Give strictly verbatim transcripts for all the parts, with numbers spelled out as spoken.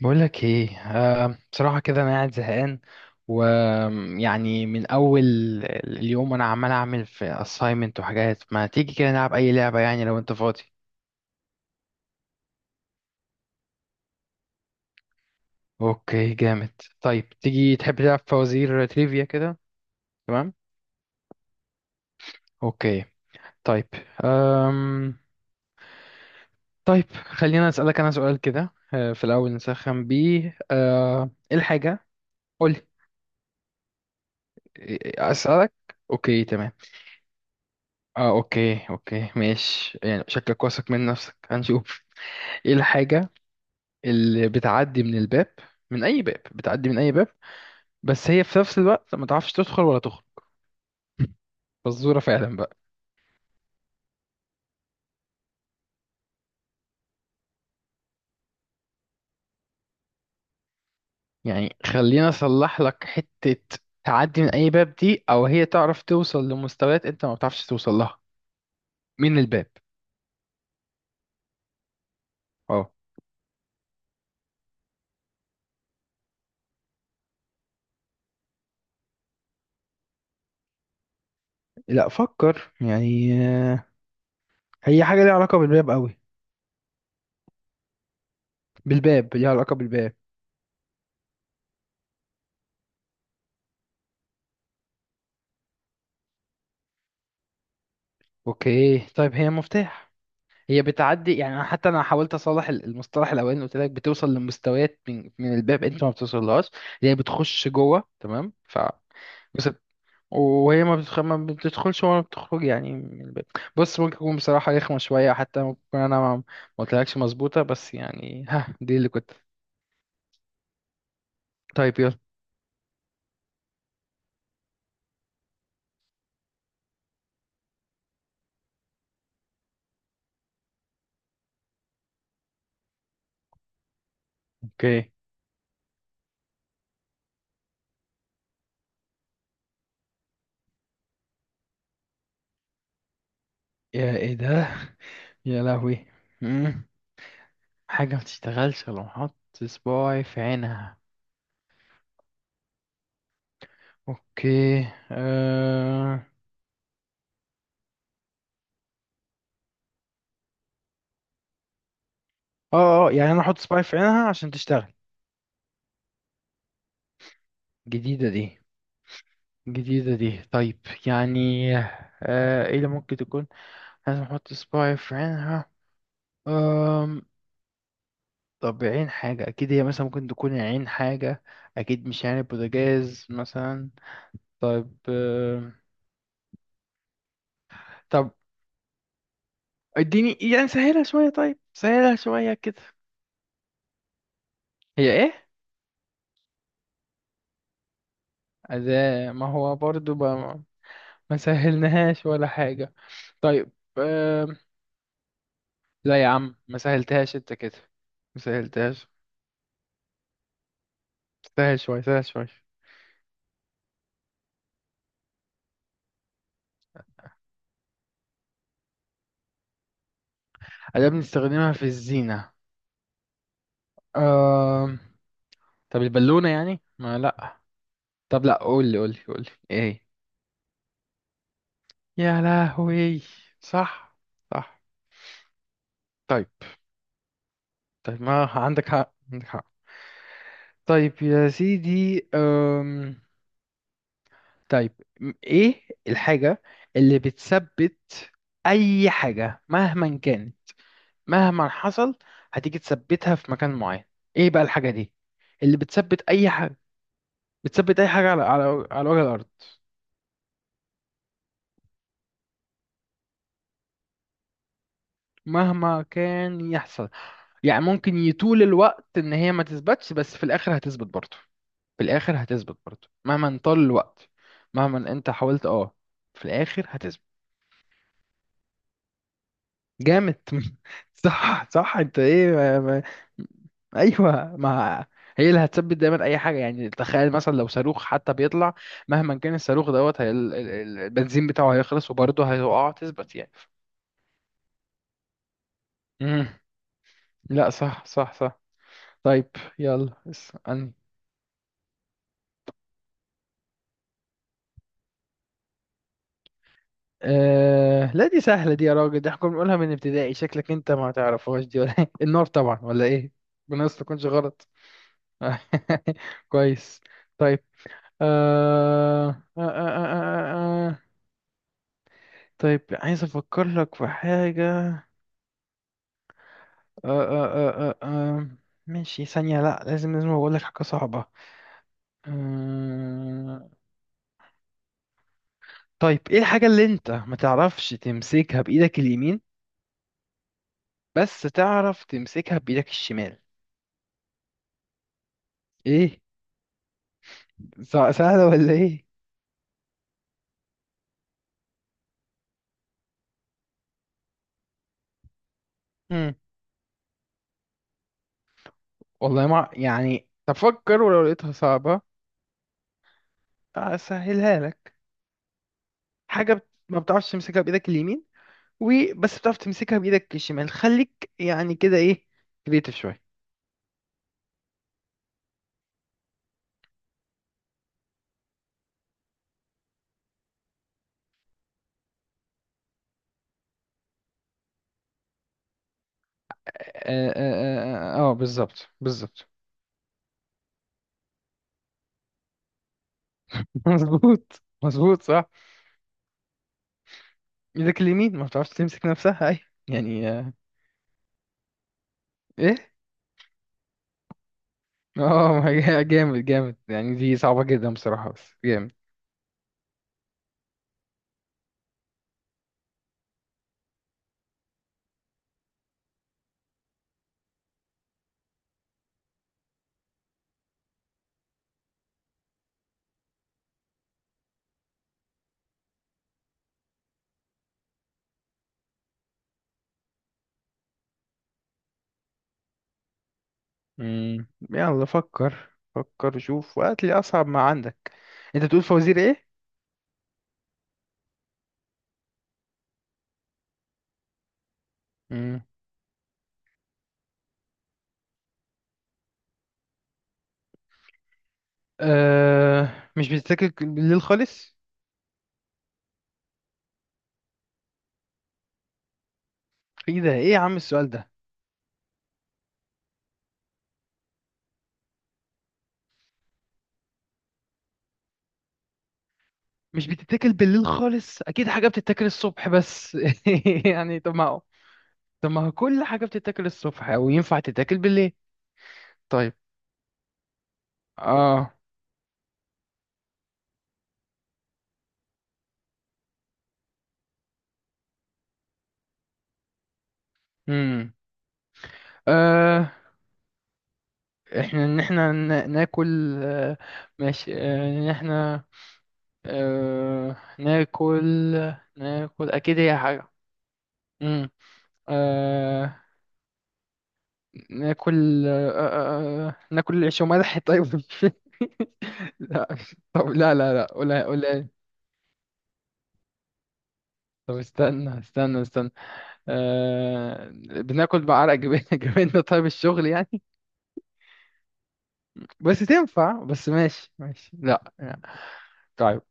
بقولك ايه، آه، بصراحة كده انا قاعد زهقان، ويعني من اول اليوم انا عمال اعمل في assignment وحاجات. ما تيجي كده نلعب اي لعبة؟ يعني لو انت فاضي. اوكي، جامد. طيب تيجي تحب تلعب فوازير تريفيا كده؟ تمام. اوكي، طيب. أم... طيب خلينا اسألك انا سؤال كده، آه، في الاول نسخن بيه. آه، ايه الحاجة؟ قولي. إيه- اسألك. اوكي، تمام. اه، اوكي اوكي، ماشي. يعني شكلك واثق من نفسك، هنشوف. ايه الحاجة اللي بتعدي من الباب؟ من اي باب بتعدي؟ من اي باب؟ بس هي في نفس الوقت ما تعرفش تدخل ولا تخرج. فزورة فعلا بقى. يعني خلينا اصلح لك حتة. تعدي من اي باب دي، او هي تعرف توصل لمستويات انت ما بتعرفش توصل لها من الباب. اه. لا، فكر يعني. آه، هي حاجة ليها علاقة بالباب قوي. بالباب، ليها علاقة بالباب. اوكي. طيب هي مفتاح. هي بتعدي يعني، أنا حتى انا حاولت اصلح ال- المصطلح الاولاني اللي قلت لك، بتوصل لمستويات من من الباب انت ما بتوصلهاش، اللي هي بتخش جوه. تمام، ف بس. وهي ما, بتخ... ما بتدخلش ولا بتخرج يعني من الباب. بص، ممكن يكون بصراحة رخمة شوية، حتى ممكن يكون انا ما ما قلتلكش مظبوطة، بس يعني ها، دي اللي كنت. طيب، يلا. اوكي. يا ايه ده؟ يا لهوي. مم. حاجة ما تشتغلش لو حط صباعي في عينها. اوكي. أه... اه اه اه، يعني انا احط سباي في عينها عشان تشتغل؟ جديدة دي. جديدة دي، طيب. يعني، آه، ايه اللي ممكن تكون، لازم احط سباي في عينها. أم... طب عين حاجة، اكيد هي مثلا ممكن تكون عين حاجة. اكيد مش يعني بوتاجاز مثلا. طيب، آم، طب اديني يعني سهلها شوية، طيب سهلها شوية كده. هي ايه؟ أداة. ما هو برضو ب... ما سهلناهاش ولا حاجة. طيب، لا يا عم ما سهلتهاش انت كده، ما سهلتهاش. سهل شوية سهل شوية. أداة بنستخدمها في الزينة. آم... طب البالونة يعني؟ ما لا. طب لا، قولي قولي قولي ايه؟ يا لهوي. صح. صح. طيب. طيب، ما عندك حق، عندك حق. طيب يا سيدي. أم... طيب، م- ايه الحاجة اللي بتثبت أي حاجة مهما كانت، مهما حصل، هتيجي تثبتها في مكان معين؟ ايه بقى الحاجة دي اللي بتثبت اي حاجة، بتثبت اي حاجة على على على وجه الارض مهما كان يحصل؟ يعني ممكن يطول الوقت ان هي ما تثبتش، بس في الاخر هتثبت برضه، في الاخر هتثبت برضه مهما طال الوقت، مهما انت حاولت، اه، في الاخر هتثبت. جامد صح صح. انت ايه ما ما. ايوه، ما هي اللي هتثبت دايما اي حاجه. يعني تخيل مثلا لو صاروخ حتى بيطلع، مهما كان الصاروخ دوت، هي ال- ال- ال- البنزين بتاعه هيخلص، وبرضه هيقع تثبت يعني. امم. لا، صح صح صح. طيب، يلا اسألني. آه... لا دي سهله دي يا راجل، دي احنا كنا بنقولها من ابتدائي، شكلك انت ما تعرفهاش دي ولا إيه؟ النار طبعا، ولا ايه؟ بنص ما تكونش غلط. كويس. طيب. آه... آه... آه... آه... آه. آه، آه. طيب عايز افكر لك في حاجة. آه... آه... آه... آه... آه. ماشي، ثانية. لا لازم لازم اقول لك حاجة صعبة. آه... طيب، ايه الحاجة اللي انت ما تعرفش تمسكها بايدك اليمين بس تعرف تمسكها بايدك الشمال؟ ايه، س- سهلة ولا ايه؟ مم. والله ما، يعني تفكر ولو لقيتها صعبة اسهلها لك. حاجة بت- ما بتعرفش تمسكها بايدك اليمين وبس بتعرف تمسكها بايدك الشمال. خليك يعني كده ايه، كريتيف شويه. اه, آه, آه, آه, آه بالظبط بالظبط. مظبوط مظبوط صح. ايدك اليمين ما بتعرفش تمسك نفسها. اي يعني، آه. ايه؟ اه. ما هي جامد جامد يعني، دي صعبة جدا بصراحة، بس جامد. مم. يلا فكر فكر، شوف وقت لي اصعب ما عندك. انت بتقول فوازير ايه؟ مم. آه، مش بتذاكر بالليل خالص. ايه ده، ايه يا عم السؤال ده؟ مش بتتاكل بالليل خالص، اكيد حاجه بتتاكل الصبح بس. يعني طب ما هو، طب ما هو كل حاجه بتتاكل الصبح او ينفع تتاكل بالليل. طيب. اه. امم. آه، احنا ان احنا نا- ناكل. آه، ماشي. آه، ان احنا، آه، ناكل. ناكل، اكيد هي حاجه. امم. آه، ناكل. آه آه آه، ناكل العيش وملح طيب. لا. طب لا لا لا، قولها قولها. طب استنى استنى استنى. آه، بناكل بعرق جبال- جبالنا. طيب الشغل يعني. بس تنفع، بس ماشي ماشي. لا لا. طيب.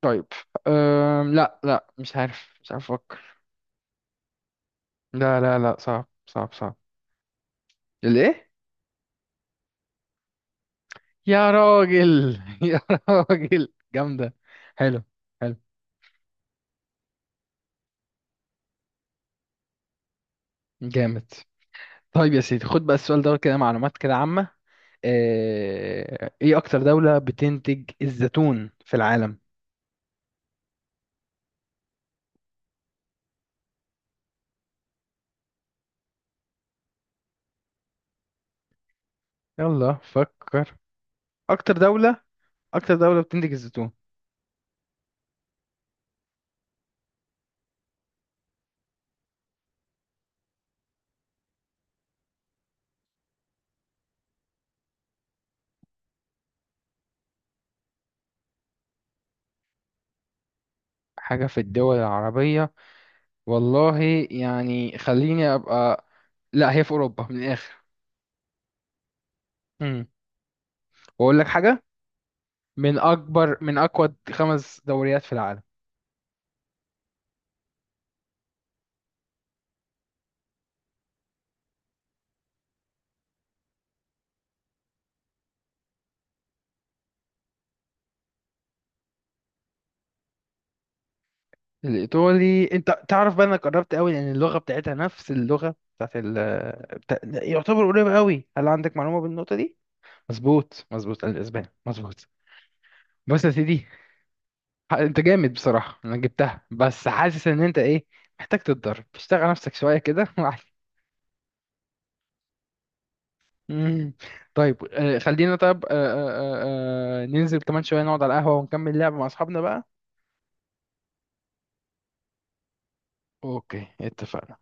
طيب. أم، لا لا، مش عارف، مش عارف افكر. لا لا لا، صعب صعب صعب. ليه؟ يا راجل يا راجل جامدة. حلو. حلو. جامد. طيب يا سيدي، خد بقى السؤال دوت كده، معلومات كده عامة. آه، ايه اكتر دولة بتنتج الزيتون في العالم؟ يلا فكر. اكتر دولة. اكتر دولة بتنتج الزيتون. حاجة في الدول العربية؟ والله يعني، خليني أبقى، لا هي في أوروبا من الآخر. امم. وأقول لك حاجة، من أكبر، من أقوى خمس دوريات في العالم. الإيطالي، أنت تعرف بقى، أنا قربت قوي، لأن اللغة بتاعتها نفس اللغة بتاعت ال، بتاع... يعتبر قريبة قوي. هل عندك معلومة بالنقطة دي؟ مظبوط مظبوط، الأسباني، مظبوط. بس يا سيدي، ح- أنت جامد بصراحة، أنا جبتها بس حاسس إن أنت إيه، محتاج تتدرب، تشتغل على نفسك شوية كده وبعد. مم. طيب، آه، خلينا طيب، آه، آه، آه، آه، ننزل كمان شوية، نقعد على القهوة ونكمل لعب مع أصحابنا بقى. أوكي، اتفقنا.